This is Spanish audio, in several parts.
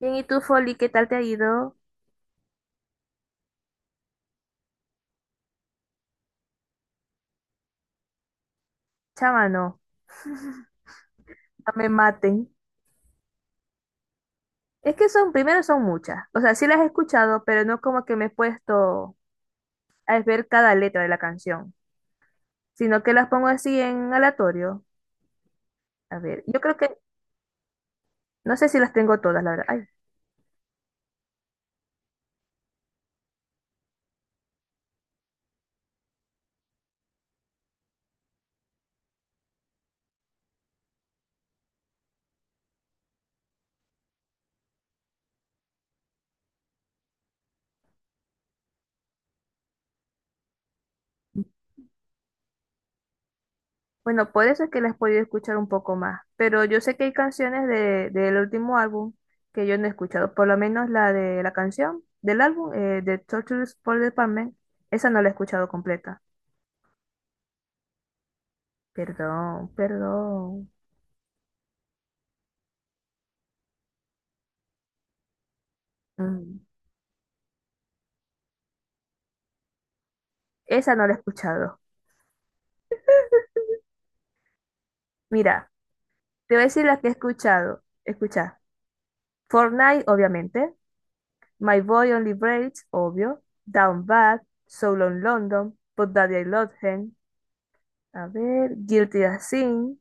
Bien, ¿y tú, Folly, qué tal te ha ido? Chama, no, no me maten. Es que son, primero son muchas. O sea, sí las he escuchado, pero no como que me he puesto a ver cada letra de la canción, sino que las pongo así en aleatorio. A ver, yo creo que, no sé si las tengo todas, la verdad. Ay, bueno, por eso es que las he podido escuchar un poco más. Pero yo sé que hay canciones de, del último álbum que yo no he escuchado, por lo menos la de la canción del álbum, de Tortures for Department, esa no la he escuchado completa. Perdón, perdón. Mm. Esa no la he escuchado. Mira, te voy a decir las que he escuchado. Escucha. Fortnite, obviamente. My Boy Only Breaks, obvio. Down Bad. So Long London. But Daddy I Love Him. A ver. Guilty as Sin.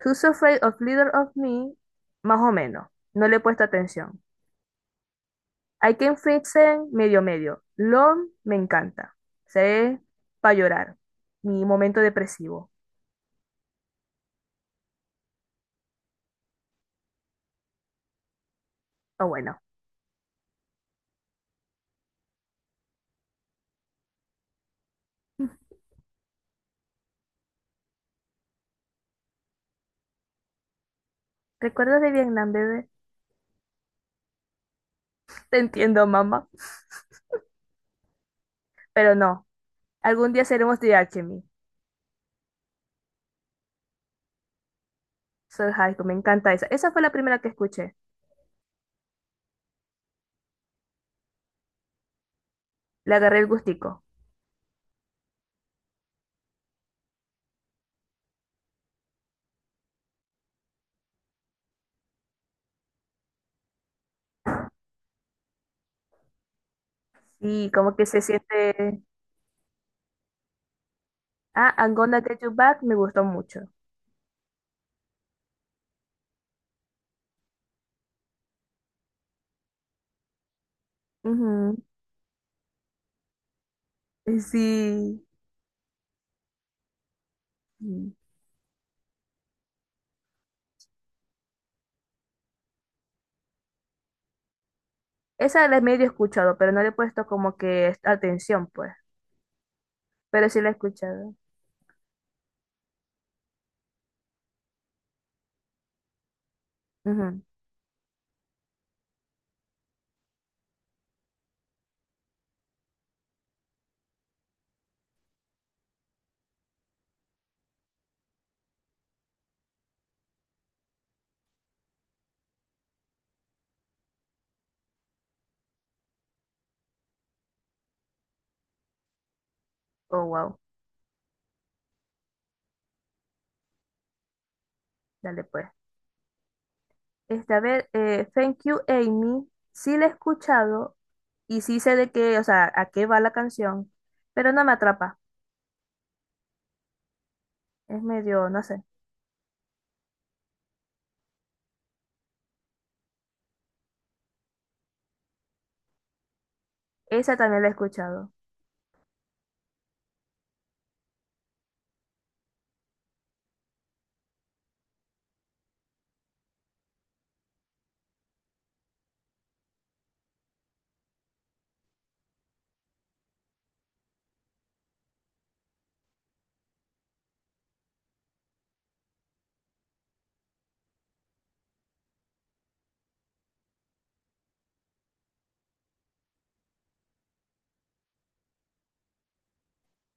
Who's Afraid of Leader of Me. Más o menos. No le he puesto atención. I Can Fix It, medio medio. Long, me encanta. Se para llorar. Mi momento depresivo. Ah, bueno. Recuerdos de Vietnam, bebé. Te entiendo, mamá. Pero no. Algún día seremos de Alchemy. Soul Haiku, me encanta esa. Esa fue la primera que escuché. Le agarré el gustico. Sí, como que se siente. Ah, I'm Gonna Get You Back me gustó mucho. Ujú. Sí. Sí. Esa la he medio escuchado, pero no le he puesto como que atención, pues. Pero sí la he escuchado. Ujú. Oh, wow. Dale, pues. Este, a ver, Thank You Amy, sí la he escuchado y sí sé de qué, o sea, a qué va la canción, pero no me atrapa, es medio, no sé. Esa también la he escuchado.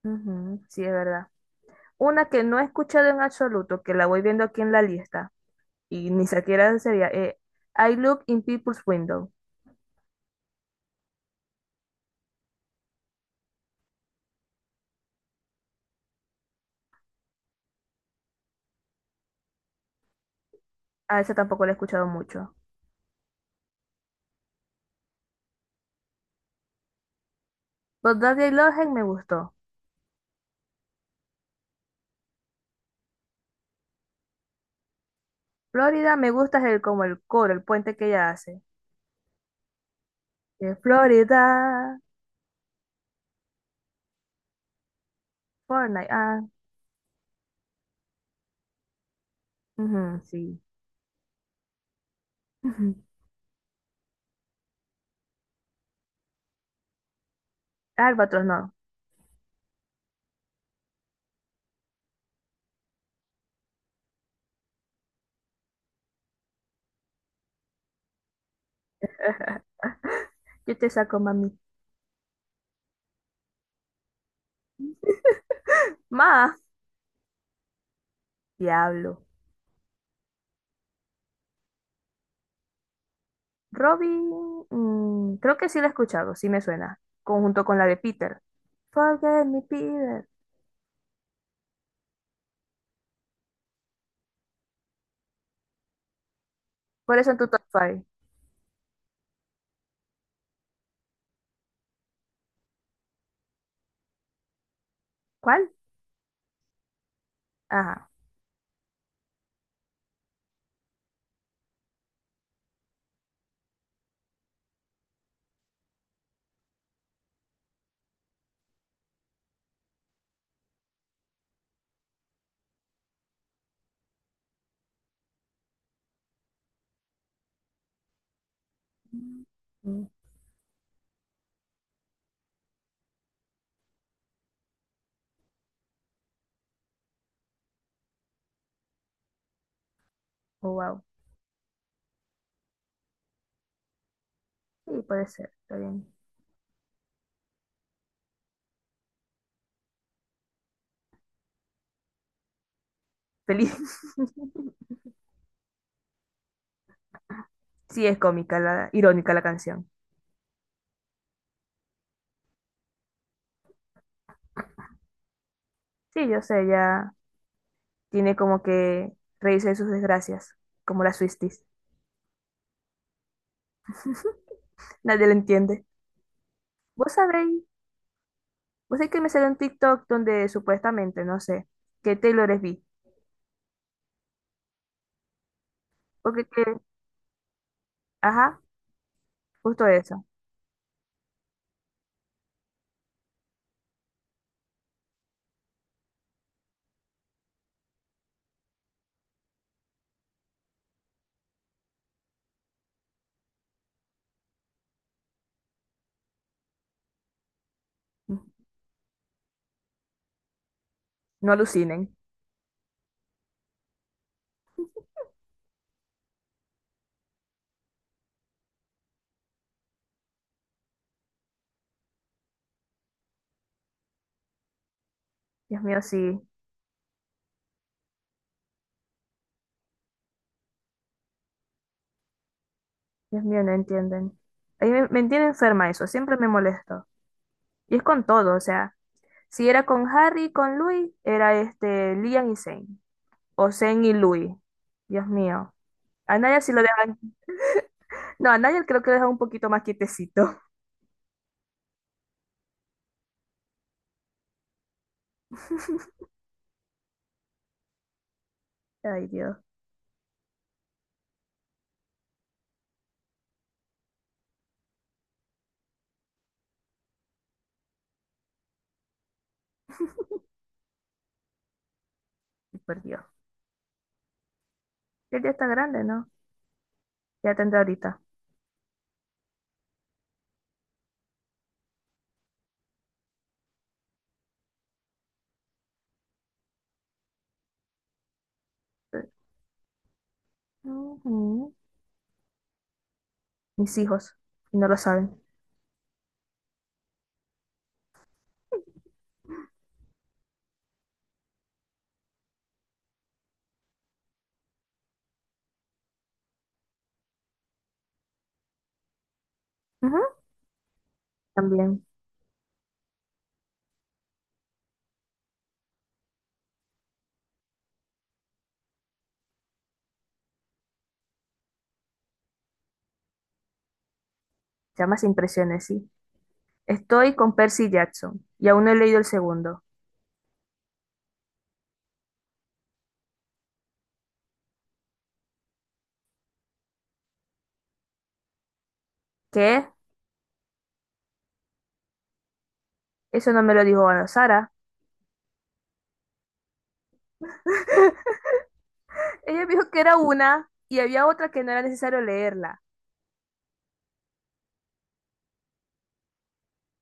Ujú, sí, es verdad. Una que no he escuchado en absoluto, que la voy viendo aquí en la lista y ni siquiera sería, I Look in People's Window. A esa tampoco la he escuchado mucho. But That They Love Hate me gustó. Florida me gusta es el, como el coro, el puente que ella hace. Florida, Fortnite, ah, ujú, sí. Ujú. Albatros no. Yo te saco, mami. Ma, diablo. Robin, mm, creo que sí la he escuchado, sí me suena. Conjunto con la de Peter. Forget me, Peter. Por eso en tu top 5. ¿Cuál? Ajá. Mm. Oh, wow. Sí, puede ser, está bien. Feliz. Sí, es cómica, la, irónica la canción. Sí, yo sé, ella tiene como que reírse de sus desgracias, como las Swifties. Nadie la entiende. ¿Vos sabéis Vos sabés que me salió un TikTok donde supuestamente, no sé, que Taylor es bi. Porque que, ajá, justo eso. No alucinen. Dios mío, sí. Dios mío, no entienden. A mí me tiene enferma eso, siempre me molesto. Y es con todo, o sea, si era con Harry, con Louis, era este, Liam y Zane. O Zane y Louis. Dios mío. A Nigel sí lo dejan. No, a Nigel creo que lo dejan un poquito más quietecito. Ay, Dios, por Dios. Él ya está grande, ¿no? Ya tendrá ahorita. Ujú. Mis hijos, y no lo saben. Ujú. También, llamas e impresiones, sí. Estoy con Percy Jackson y aún no he leído el segundo. ¿Qué? Eso no me lo dijo Ana Sara. Ella me dijo que era una y había otra que no era necesario leerla.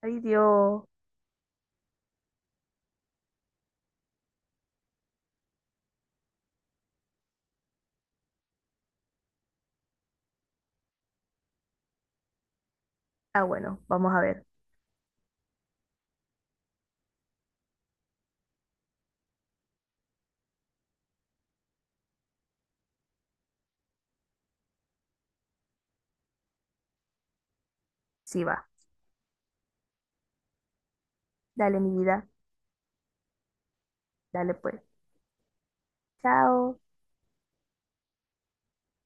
Ay, Dios. Ah, bueno, vamos a ver. Sí va. Dale, mi vida. Dale, pues. Chao.